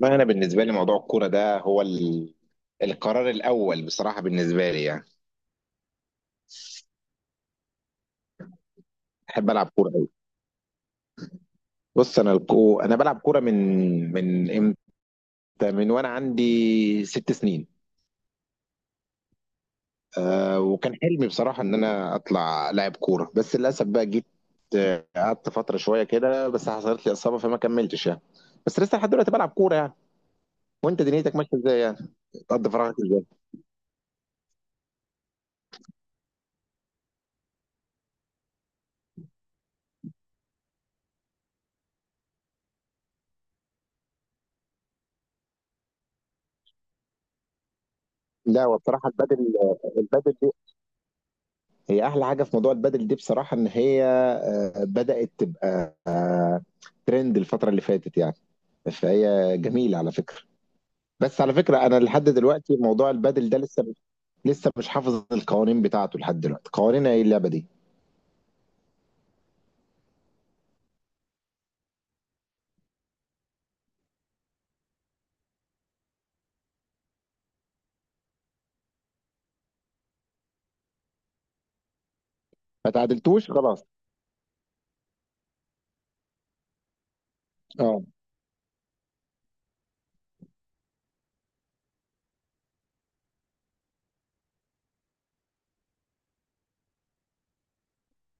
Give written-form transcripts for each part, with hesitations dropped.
ما انا بالنسبه لي موضوع الكوره ده هو القرار الاول بصراحه بالنسبه لي يعني. احب العب كوره قوي. بص انا انا بلعب كوره من امتى، من وانا عندي ست سنين. أه وكان حلمي بصراحه ان انا اطلع لاعب كوره، بس للاسف بقى جيت قعدت فتره شويه كده، بس حصلت لي اصابه فما كملتش يعني. بس لسه لحد دلوقتي بلعب كوره يعني. وانت دنيتك ماشيه ازاي يعني؟ بتقضي فراغك ازاي؟ لا وبصراحه البدل هي احلى حاجه في موضوع البادل دي بصراحه، ان هي بدات تبقى ترند الفتره اللي فاتت يعني. فهي جميله على فكره. بس على فكره انا لحد دلوقتي موضوع البادل ده لسه، لسه مش حافظ القوانين بتاعته لحد دلوقتي. قوانين ايه اللعبه دي؟ ما تعادلتوش خلاص. اه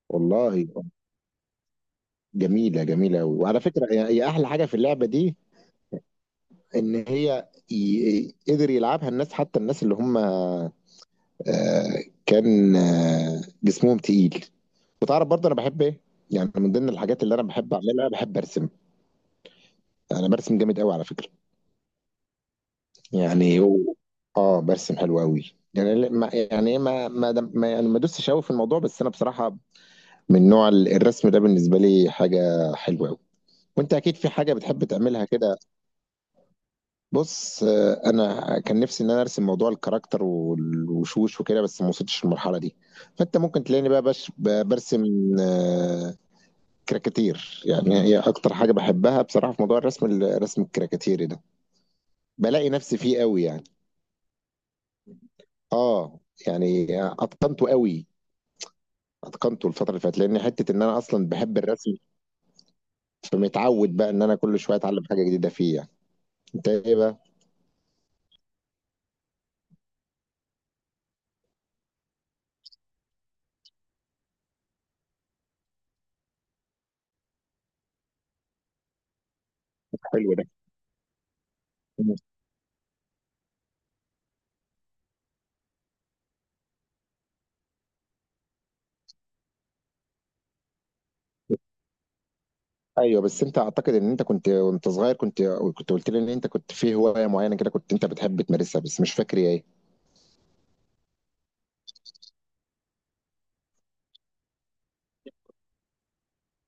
والله. جميله قوي. وعلى فكره هي احلى حاجه في اللعبه دي ان هي قدر يلعبها الناس حتى الناس اللي هم كان جسمهم تقيل. وتعرف برضه انا بحب ايه؟ يعني من ضمن الحاجات اللي انا بحب اعملها بحب ارسم. انا برسم جامد قوي على فكره. يعني اه برسم حلو قوي يعني. ما يعني ايه، ما يعني ما دوستش قوي في الموضوع، بس انا بصراحه من نوع الرسم ده بالنسبه لي حاجه حلوه قوي. وانت اكيد في حاجه بتحب تعملها كده؟ بص انا كان نفسي ان انا ارسم موضوع الكاركتر والوشوش وكده، بس ما وصلتش للمرحله دي. فانت ممكن تلاقيني بقى برسم آه، كراكاتير. يعني هي اكتر حاجه بحبها بصراحه في موضوع الرسم الكراكاتيري ده. بلاقي نفسي فيه قوي يعني. اه يعني اتقنته قوي. اتقنته الفتره اللي فاتت، لان حته ان انا اصلا بحب الرسم، فمتعود بقى ان انا كل شويه اتعلم حاجه جديده فيه يعني. انت ايه بقى؟ حلو ده. ايوه بس انت، اعتقد ان انت كنت وانت صغير كنت، كنت قلت لي ان انت كنت في هوايه معينه كده كنت انت بتحب تمارسها، بس مش فاكر هي ايه.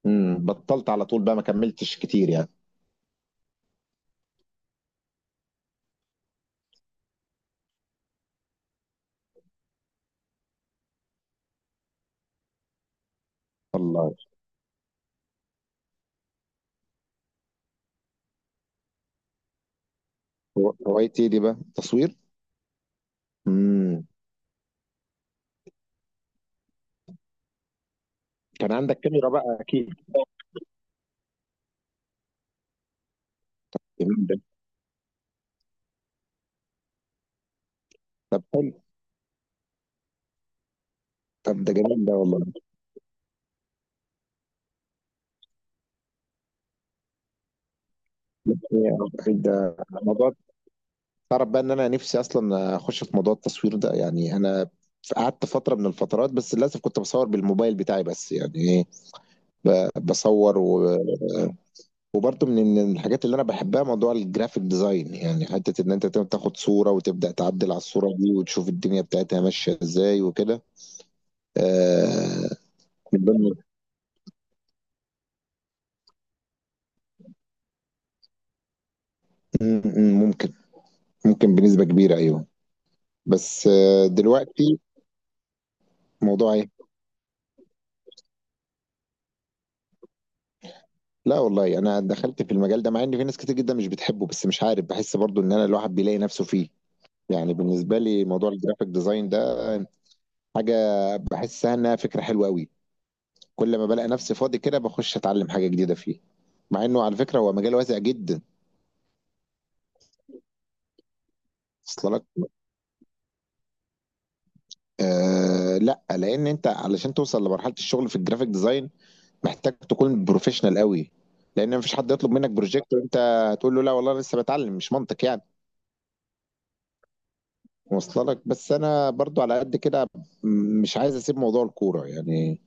بطلت على طول بقى، ما كملتش كتير يعني. والله. هوايتي إيه دي بقى؟ تصوير. كان عندك كاميرا بقى اكيد. جميل ده. حلو. طب ده جميل ده والله. إيه ده؟ موضوع، تعرف بقى ان انا نفسي اصلا اخش في موضوع التصوير ده يعني. انا قعدت فتره من الفترات، بس للاسف كنت بصور بالموبايل بتاعي بس يعني ايه، بصور وبرضه من الحاجات اللي انا بحبها موضوع الجرافيك ديزاين. يعني حته ان انت تاخد صوره وتبدا تعدل على الصوره دي وتشوف الدنيا بتاعتها ماشيه ازاي وكده. آه... من ضمن- ممكن، ممكن بنسبه كبيره، ايوه. بس دلوقتي موضوع ايه؟ لا والله انا دخلت في المجال ده، مع ان في ناس كتير جدا مش بتحبه، بس مش عارف، بحس برضو ان انا الواحد بيلاقي نفسه فيه. يعني بالنسبه لي موضوع الجرافيك ديزاين ده حاجه بحسها انها فكره حلوه قوي. كل ما بلاقي نفسي فاضي كده بخش اتعلم حاجه جديده فيه. مع انه على فكره هو مجال واسع جدا. اصل لك لا، لان انت علشان توصل لمرحله الشغل في الجرافيك ديزاين محتاج تكون بروفيشنال قوي. لان مفيش حد يطلب منك بروجكت وانت تقول له لا والله لسه بتعلم، مش منطق يعني. واصله لك. بس انا برضو على قد كده، مش عايز اسيب موضوع الكوره يعني.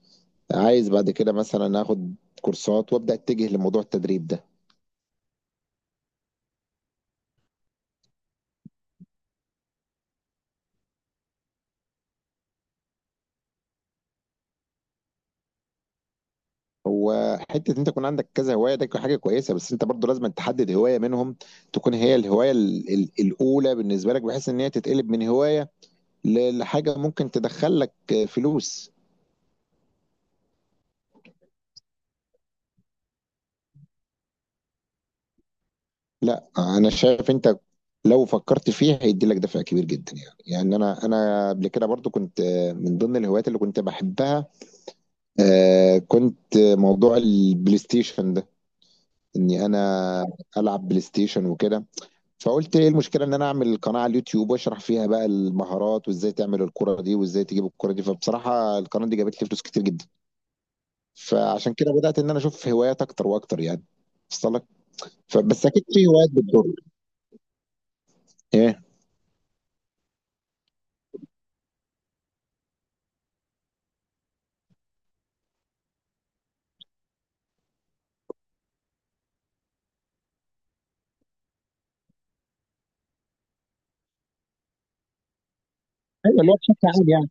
عايز بعد كده مثلا اخد كورسات وابدا اتجه لموضوع التدريب ده. هو حته ان انت يكون عندك كذا هوايه ده حاجه كويسه، بس انت برضو لازم تحدد هوايه منهم تكون هي الهوايه الاولى بالنسبه لك، بحيث ان هي تتقلب من هوايه لحاجه ممكن تدخل لك فلوس. لا انا شايف انت لو فكرت فيه هيدي لك دفع كبير جدا يعني. يعني انا قبل كده برضو كنت من ضمن الهوايات اللي كنت بحبها كنت موضوع البلاي ستيشن ده، اني انا العب بلاي ستيشن وكده. فقلت ايه المشكله ان انا اعمل قناه على اليوتيوب واشرح فيها بقى المهارات وازاي تعمل الكره دي وازاي تجيب الكره دي، فبصراحه القناه دي جابت لي فلوس كتير جدا. فعشان كده بدات ان انا اشوف هوايات اكتر واكتر يعني. وصل لك. فبس اكيد في هوايات بتضر. ايه؟ ايوه اللي هو بشكل عام يعني.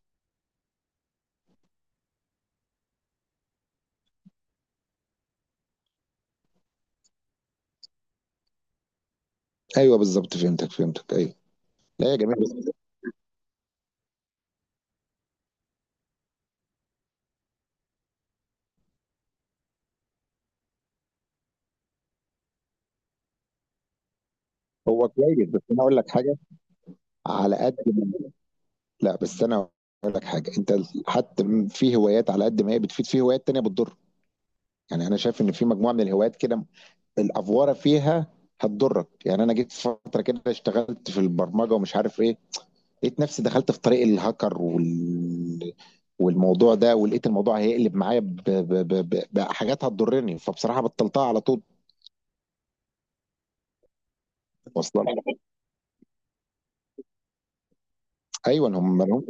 ايوه بالظبط، فهمتك ايوه. لا يا جميل بس. هو كويس بس انا اقول لك حاجه. على قد. لا بس انا اقول لك حاجه، انت حتى في هوايات على قد ما هي بتفيد في هوايات تانية بتضر. يعني انا شايف ان في مجموعه من الهوايات كده الافوره فيها هتضرك. يعني انا جيت فتره كده اشتغلت في البرمجه ومش عارف ايه، لقيت نفسي دخلت في طريق الهاكر والموضوع ده، ولقيت الموضوع هيقلب معايا بحاجات هتضرني، فبصراحه بطلتها على طول. واصله لك. ايوه هم هم-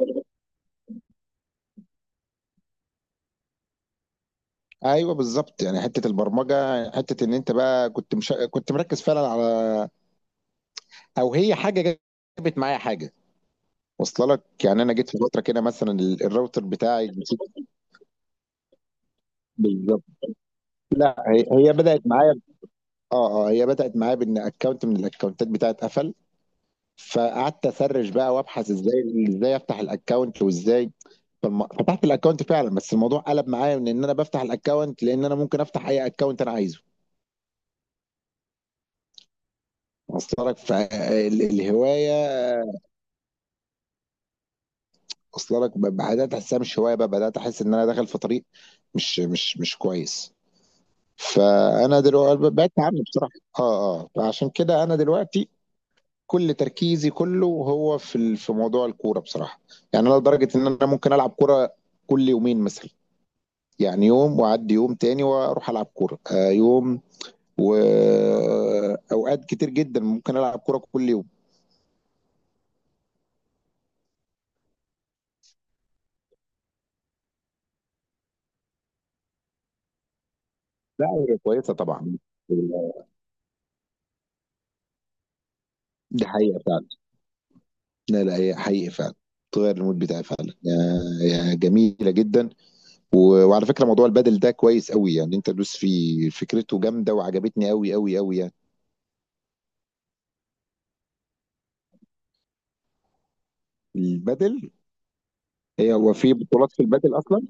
ايوه بالظبط يعني. حته البرمجه، حته ان انت بقى كنت مش... كنت مركز فعلا على، او هي حاجه جابت معايا حاجه. واصله لك. يعني انا جيت في فتره كده، مثلا الراوتر بتاعي نسيت. بالظبط. هي بدات معايا. اه هي بدات معايا بان اكونت من الاكونتات بتاعت قفل، فقعدت اسرش بقى وابحث ازاي، ازاي افتح الاكونت وازاي. فتحت الاكونت فعلا، بس الموضوع قلب معايا من ان انا بفتح الاكونت، لان انا ممكن افتح اي اكونت انا عايزه. واصله لك. فالهوايه، واصله لك، بدات احسها مش هوايه بقى، بدات احس ان انا داخل في طريق مش كويس. فانا دلوقتي بعدت عنه بصراحه. اه فعشان كده انا دلوقتي كل تركيزي كله هو في في موضوع الكوره بصراحه. يعني انا لدرجه ان انا ممكن العب كوره كل يومين مثلا، يعني يوم واعدي يوم تاني واروح العب كوره، يوم. واوقات كتير جدا ممكن العب كوره كل يوم. لا هي كويسه طبعا. دي حقيقه فعلا. لا لا، هي حقيقه فعلا تغير المود بتاعي فعلا، يا جميله جدا. وعلى فكرة موضوع البادل ده كويس قوي يعني. انت دوس فيه، فكرته جامدة وعجبتني قوي قوي قوي يعني. البادل. هي هو في بطولات في البادل اصلا؟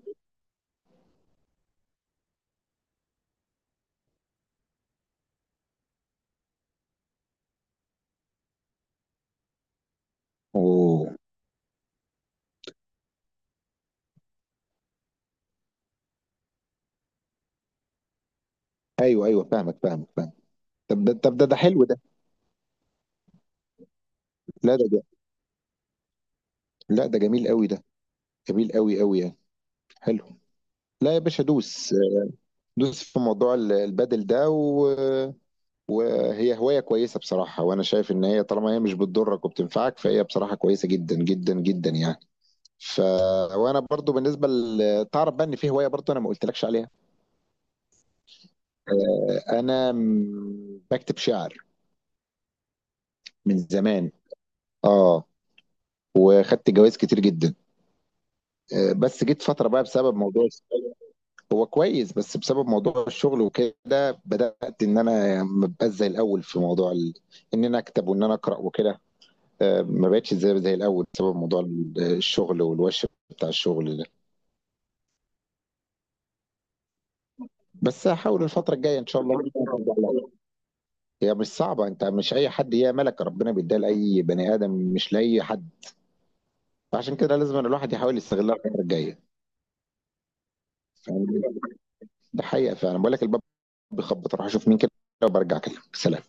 اوه. ايوه ايوه، فاهمك. طب ده حلو ده. لا ده جا- لا ده جميل قوي ده، جميل قوي قوي يعني. حلو. لا يا باشا دوس، دوس في موضوع البادل ده وهي هواية كويسة بصراحة، وانا شايف ان هي طالما هي مش بتضرك وبتنفعك فهي بصراحة كويسة جدا جدا جدا يعني. ف وانا برضو تعرف بقى ان في هواية برضو انا ما قلتلكش عليها. انا بكتب شعر من زمان. اه وخدت جوائز كتير جدا. بس جيت فتره بقى بسبب موضوع الشغل. هو كويس، بس بسبب موضوع الشغل وكده بدات ان انا ما بقاش زي الاول في موضوع ان انا اكتب وان انا اقرا وكده. ما بقتش زي الاول بسبب موضوع الشغل والوش بتاع الشغل ده. بس هحاول الفتره الجايه ان شاء الله. هي مش صعبه، انت مش اي حد، هي ملك ربنا بيديها لاي بني ادم مش لاي حد. فعشان كده لازم أن الواحد يحاول يستغلها الفترة الجاية. فاهم؟ ده حقيقة فعلا. بقول لك الباب بيخبط، اروح اشوف مين كده وبرجع اكلمك. سلام.